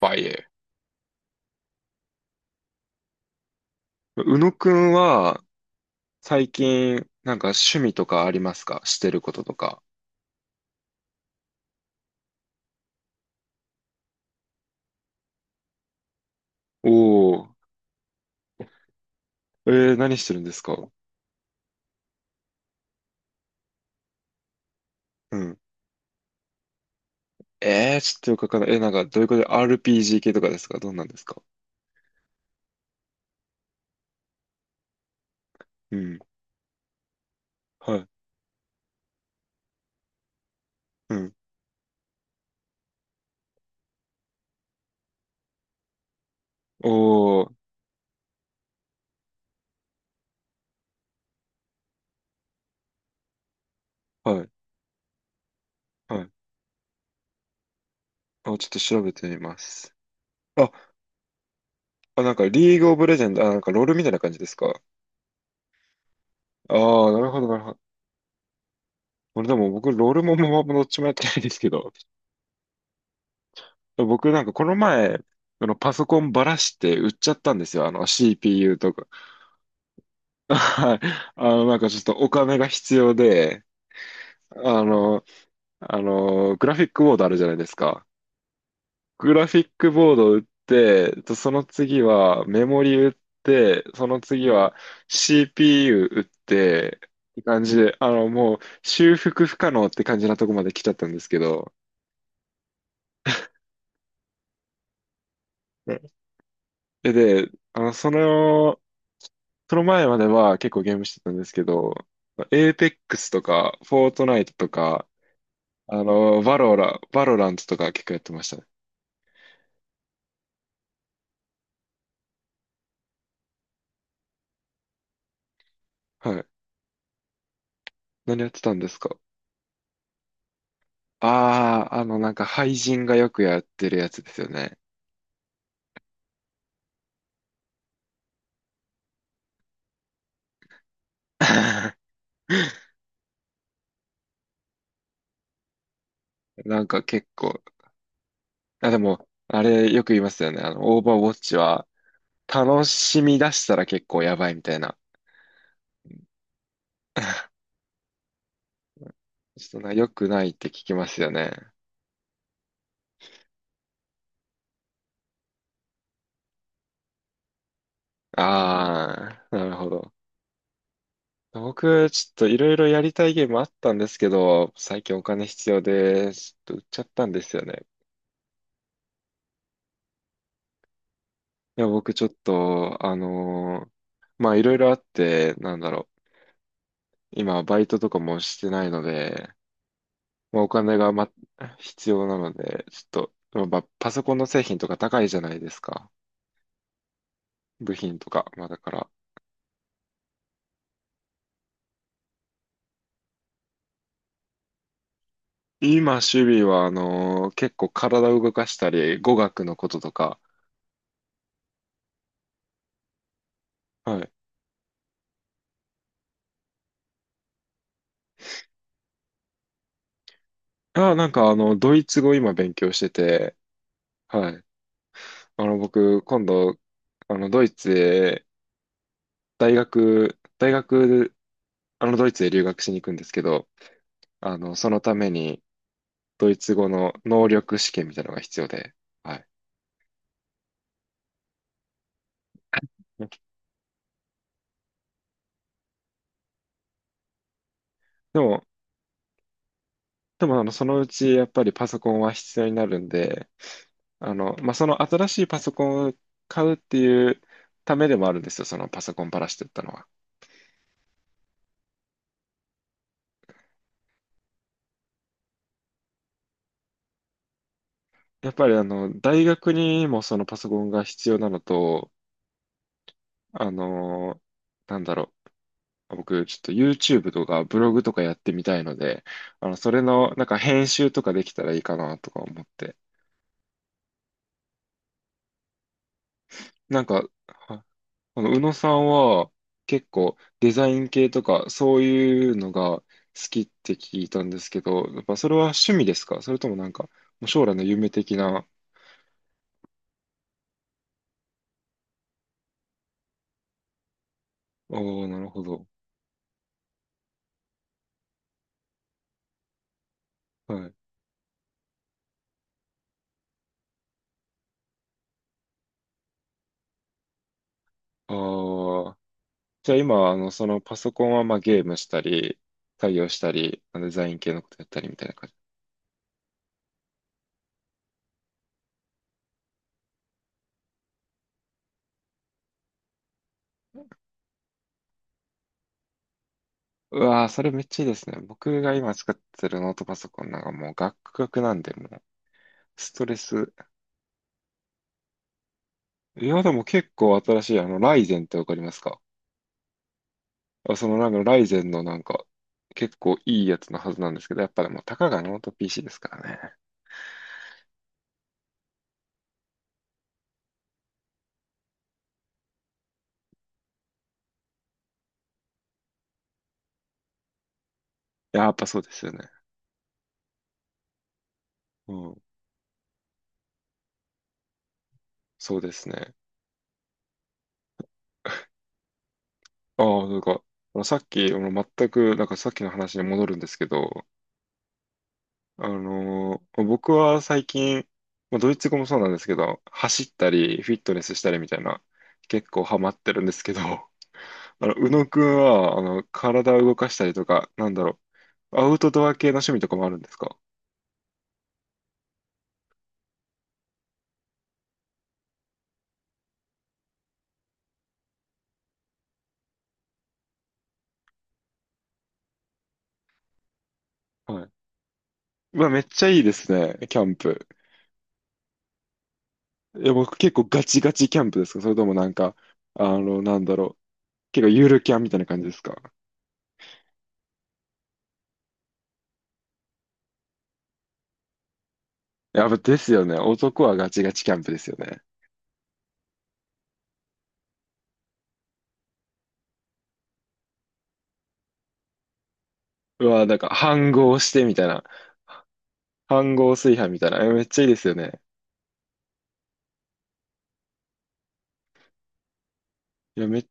バイエ。宇野くんは、最近、なんか趣味とかありますか？してることとか。おー、何してるんですか？うん。ちょっとよくわかんない。なんか、どういうことで RPG 系とかですか？どんなんですか？うん。はい。うん。おー、はい。はい。あ、ちょっと調べてみます。あ、あ、なんか、リーグオブレジェンド、あ、なんか、ロールみたいな感じですか？ああー、なるほど、なるほど。俺でも僕、ロールもママもどっちもやってないですけど。僕なんかこの前、あのパソコンばらして売っちゃったんですよ。あの CPU とか。はい。なんかちょっとお金が必要で、あの、グラフィックボードあるじゃないですか。グラフィックボードを売って、とその次はメモリ売って、その次は CPU 売って、って感じで、もう修復不可能って感じなとこまで来ちゃったんですけど。ね。で、で、その前までは結構ゲームしてたんですけど、エーペックスとか、フォートナイトとか、バロラントとか結構やってましたね。はい。何やってたんですか？ああー、なんか、廃人がよくやってるやつですよね。なんか結構、あ、でも、あれよく言いますよね。オーバーウォッチは、楽しみ出したら結構やばいみたいな。ちょっとな、良くないって聞きますよね。ああ、なるほど。僕、ちょっといろいろやりたいゲームあったんですけど、最近お金必要で、ちょっと売っちゃったんですよね。いや、僕ちょっと、まあいろいろあって、なんだろう。今、バイトとかもしてないので、まあ、お金が、必要なので、ちょっと、まあ、パソコンの製品とか高いじゃないですか。部品とか。まあだから、今、趣味は、結構体を動かしたり、語学のこととか、はい。あ、なんかドイツ語今勉強してて、はい。僕、今度、あの、ドイツへ、大学、ドイツへ留学しに行くんですけど、そのために、ドイツ語の能力試験みたいなのが必要で、はい。でも、でも、そのうち、やっぱりパソコンは必要になるんで、まあ、その新しいパソコンを買うっていうためでもあるんですよ、そのパソコンパラしてったのは。やっぱり、大学にもそのパソコンが必要なのと、あの、なんだろう、僕、ちょっと YouTube とかブログとかやってみたいので、それの、なんか編集とかできたらいいかなとか思って。なんか、はあの、宇野さんは結構デザイン系とかそういうのが好きって聞いたんですけど、やっぱそれは趣味ですか？それともなんか、もう将来の夢的な。おー、なるほど。はい。ああ、じゃあ今、そのパソコンはまあゲームしたり、作業したり、まあのデザイン系のことやったりみたいな感じ？うわー、それめっちゃいいですね。僕が今使ってるノートパソコンなんかもうガックガクなんで、もうストレス。いや、でも結構新しい、ライゼンってわかりますか？あ、そのなんかライゼンのなんか結構いいやつのはずなんですけど、やっぱでもたかがノート PC ですからね。いや、やっぱそうですよね。うん、そうですね。ああ、なんか、あのさっき、あの全く、なんかさっきの話に戻るんですけど、僕は最近、まあドイツ語もそうなんですけど、走ったり、フィットネスしたりみたいな、結構ハマってるんですけど、宇野くんは、体を動かしたりとか、なんだろう、アウトドア系の趣味とかもあるんですか？はい。うわ、めっちゃいいですね、キャンプ。いや僕結構ガチガチキャンプですか？それともなんか、なんだろう、結構ゆるキャンみたいな感じですか？やっぱですよね。男はガチガチキャンプですよね。うわ、なんか、飯合してみたいな。飯合炊飯みたいな。え、めっちゃいいですよね。いや、め、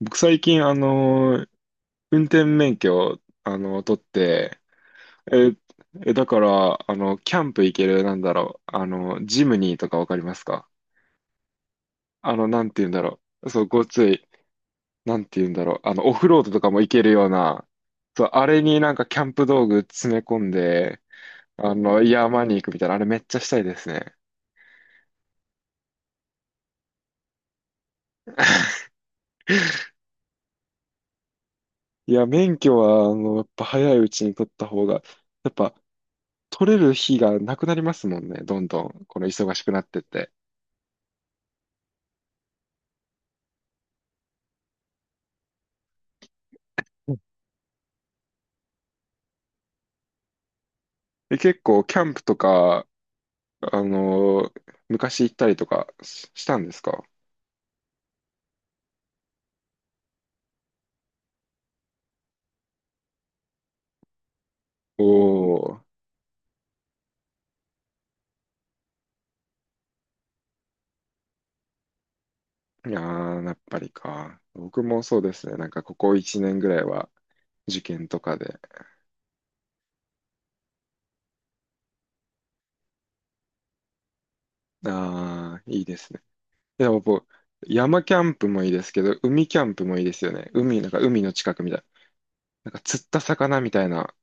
僕最近、運転免許を、取って、え、え、だから、キャンプ行ける、なんだろう、ジムニーとかわかりますか？なんて言うんだろう。そう、ごつい、なんて言うんだろう。オフロードとかも行けるような、そう、あれになんかキャンプ道具詰め込んで、山に行くみたいな、あれめっちゃしたいですね。いや、免許は、やっぱ早いうちに取った方が、やっぱ取れる日がなくなりますもんね、どんどん、この忙しくなってって。で、結構、キャンプとか、あの、昔行ったりとかししたんですか？おー、いやー、やっぱりか。僕もそうですね、なんかここ1年ぐらいは、受験とかで。あー、いいですね。いや、僕、山キャンプもいいですけど、海キャンプもいいですよね。海、なんか海の近くみたいな。なんか釣った魚みたいな。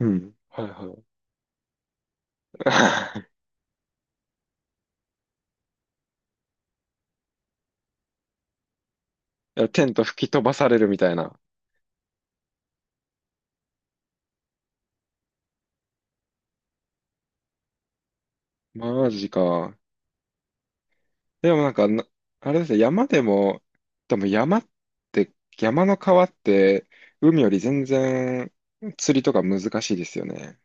うん。はいはい。いや、テント吹き飛ばされるみたいな。マジか。でもなんかな、あれですね、山でも、でも山って、山の川って、海より全然釣りとか難しいですよね。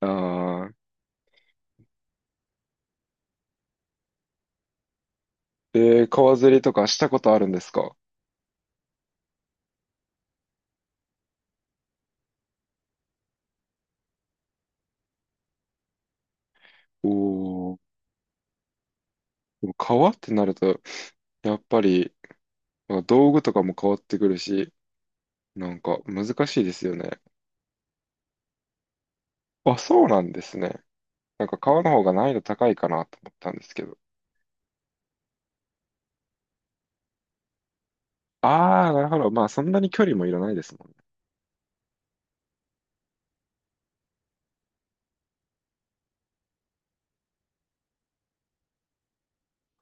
ああ、川釣りとかしたことあるんですか？おおー、でも川ってなると、やっぱり、道具とかも変わってくるし、なんか難しいですよね。あ、そうなんですね。なんか川の方が難易度高いかなと思ったんですけど。ああ、なるほど。まあ、そんなに距離もいらないですもんね。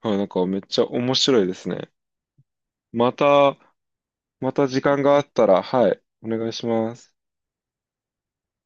はい、なんかめっちゃ面白いですね。また、また時間があったら、はい、お願いします。